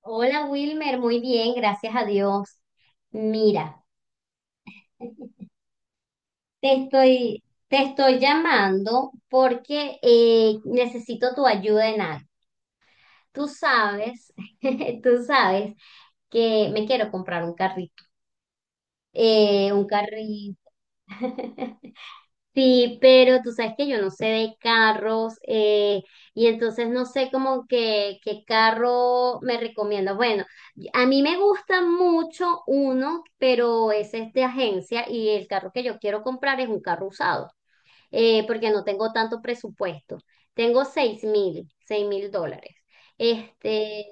Hola Wilmer, muy bien, gracias a Dios. Mira, te estoy, te estoy llamando porque necesito tu ayuda en algo. Tú sabes, tú sabes que me quiero comprar un carrito. Sí, pero tú sabes que yo no sé de carros y entonces no sé como que qué carro me recomiendas. Bueno, a mí me gusta mucho uno, pero ese es de agencia y el carro que yo quiero comprar es un carro usado porque no tengo tanto presupuesto. Tengo seis mil dólares. Este,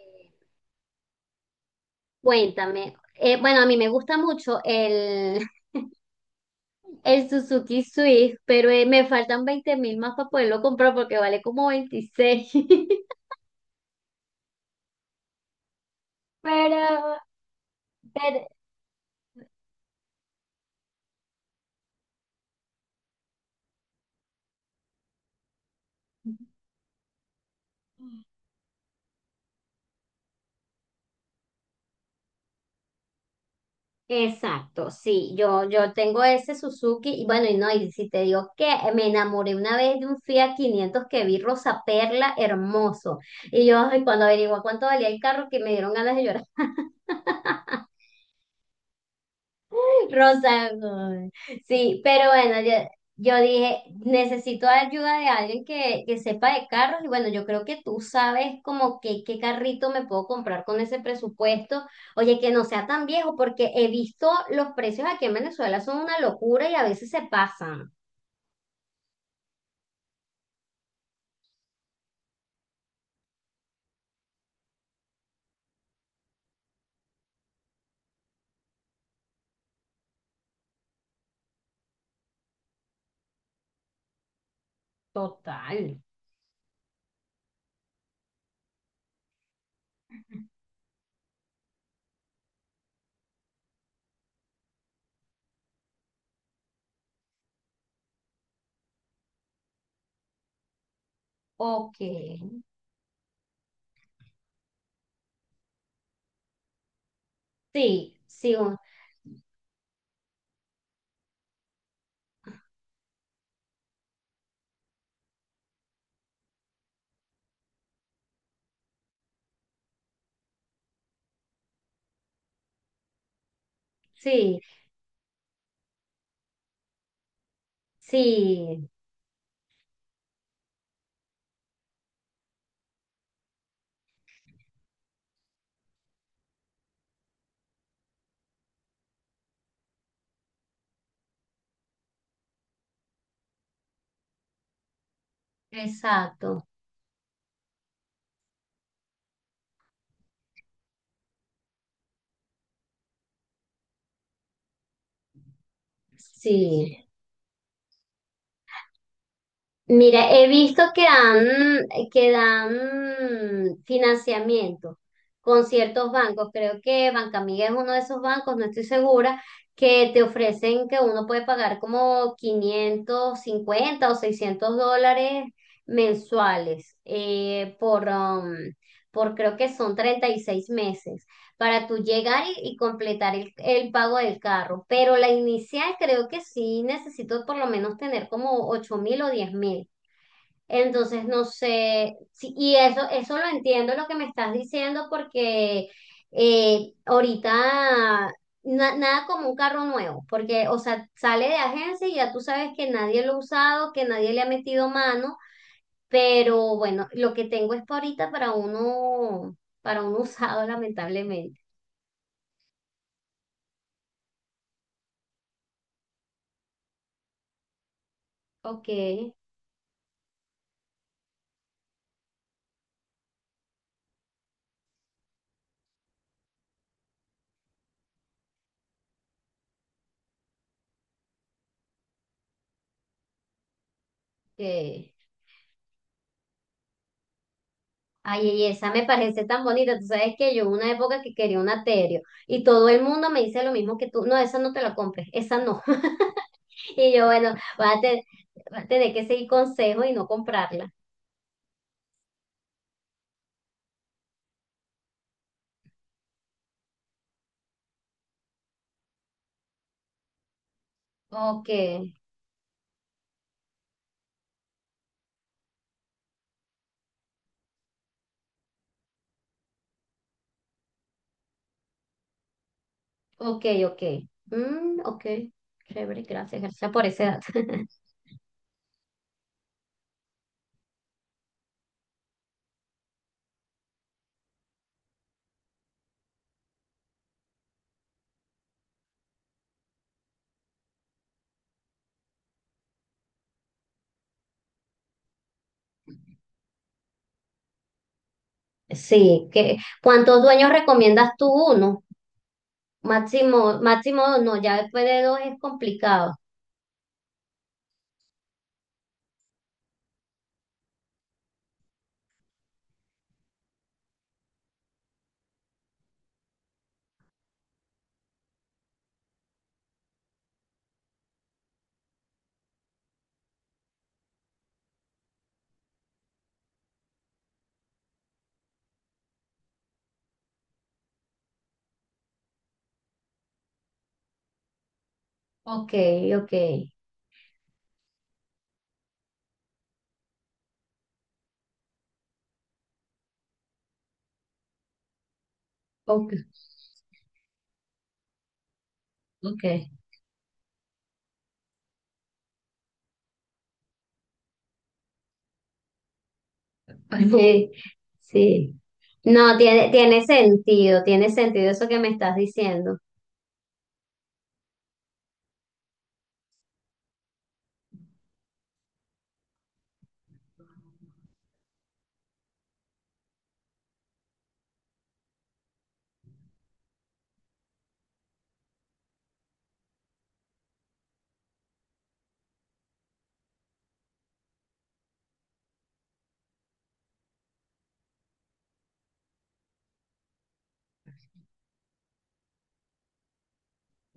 cuéntame. Bueno, a mí me gusta mucho el Suzuki Swift, pero me faltan 20.000 más para poderlo comprar porque vale como 26. Pero, pero- exacto, sí, yo tengo ese Suzuki y bueno, y no, y si te digo que me enamoré una vez de un Fiat 500 que vi rosa perla hermoso. Y yo, ay, cuando averigué cuánto valía el carro, que me dieron ganas de llorar. Rosa Gold. Sí, pero bueno, yo dije, necesito ayuda de alguien que sepa de carros y bueno, yo creo que tú sabes como que qué carrito me puedo comprar con ese presupuesto. Oye, que no sea tan viejo porque he visto los precios aquí en Venezuela son una locura y a veces se pasan. Total. Ok. Sí, sí, sí, sí, exacto. Sí. Mira, he visto que dan financiamiento con ciertos bancos. Creo que Bancamiga es uno de esos bancos, no estoy segura, que te ofrecen que uno puede pagar como 550 o $600 mensuales por creo que son 36 meses para tú llegar y completar el pago del carro. Pero la inicial creo que sí necesito por lo menos tener como 8.000 o 10.000. Entonces, no sé, sí, y eso lo entiendo lo que me estás diciendo porque ahorita nada como un carro nuevo, porque, o sea, sale de agencia y ya tú sabes que nadie lo ha usado, que nadie le ha metido mano, pero bueno, lo que tengo es para ahorita para uno usado, lamentablemente. Ok, ok. Ay, y esa me parece tan bonita. Tú sabes que yo hubo una época que quería un aterio y todo el mundo me dice lo mismo que tú. No, esa no te la compres, esa no. Y yo, bueno, voy a, te- voy a tener que seguir consejo y no comprarla. Ok, ok, ok. Mm, ok, chévere, gracias, gracias por ese dato. Sí, que ¿cuántos dueños recomiendas tú? Uno, máximo, máximo dos, no, ya después de dos es complicado. Ok, ok, ok, ok. Sí, sí. No, tiene sentido, tiene sentido eso que me estás diciendo.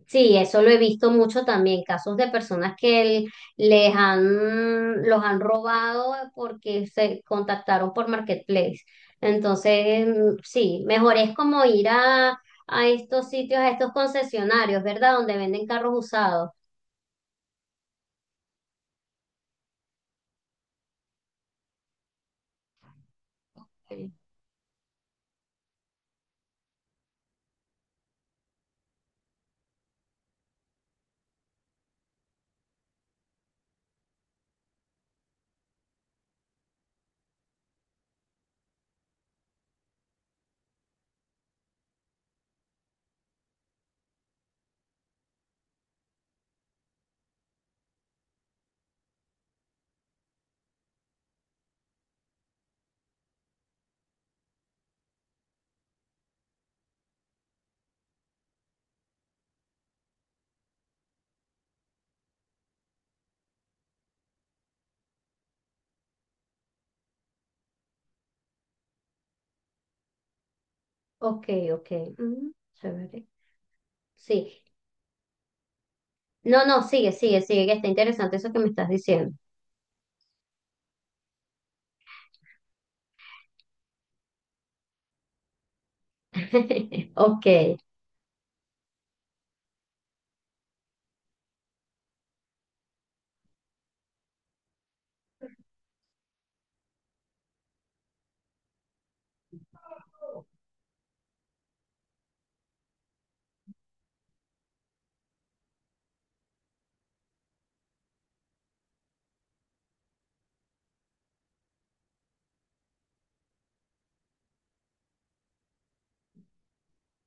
Sí, eso lo he visto mucho también, casos de personas que les han, los han robado porque se contactaron por Marketplace. Entonces, sí, mejor es como ir a estos sitios, a estos concesionarios, ¿verdad? Donde venden carros usados. Sí. Ok, ok. Mm, chévere. Sí. No, no, sigue, sigue, sigue, que está interesante eso que me estás diciendo. Ok,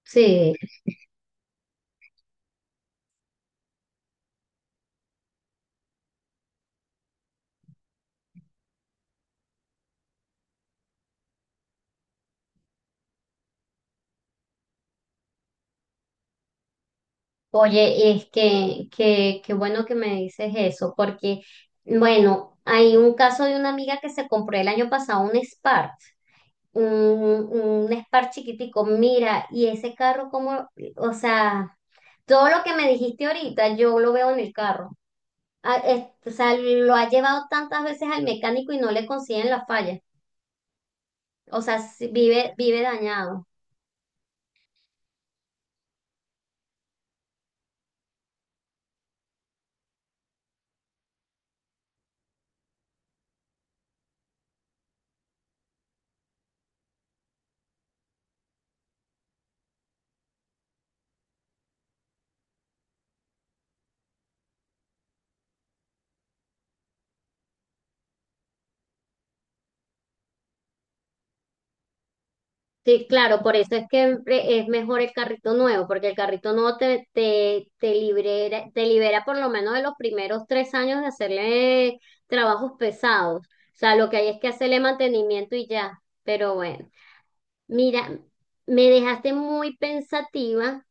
sí. Oye, y es qué bueno que me dices eso, porque, bueno, hay un caso de una amiga que se compró el año pasado un Spark, un, un Spark chiquitico. Mira, y ese carro como, o sea, todo lo que me dijiste ahorita, yo lo veo en el carro. Ah, o sea, lo ha llevado tantas veces al mecánico y no le consiguen la falla. O sea, sí, vive dañado. Sí, claro, por eso es que es mejor el carrito nuevo, porque el carrito nuevo te libera por lo menos de los primeros 3 años de hacerle trabajos pesados. O sea, lo que hay es que hacerle mantenimiento y ya. Pero bueno, mira, me dejaste muy pensativa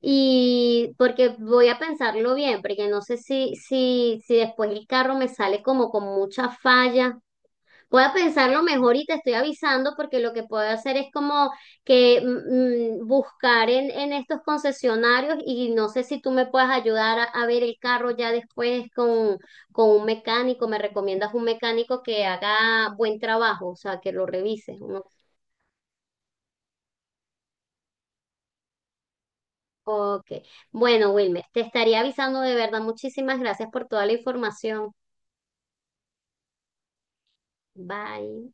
y porque voy a pensarlo bien, porque no sé si después el carro me sale como con mucha falla. Voy a pensarlo mejor y te estoy avisando porque lo que puedo hacer es como que buscar en estos concesionarios y no sé si tú me puedes ayudar a ver el carro ya después con un mecánico. ¿Me recomiendas un mecánico que haga buen trabajo? O sea, que lo revise, ¿no? Ok. Bueno, Wilmer, te estaría avisando de verdad. Muchísimas gracias por toda la información. Bye.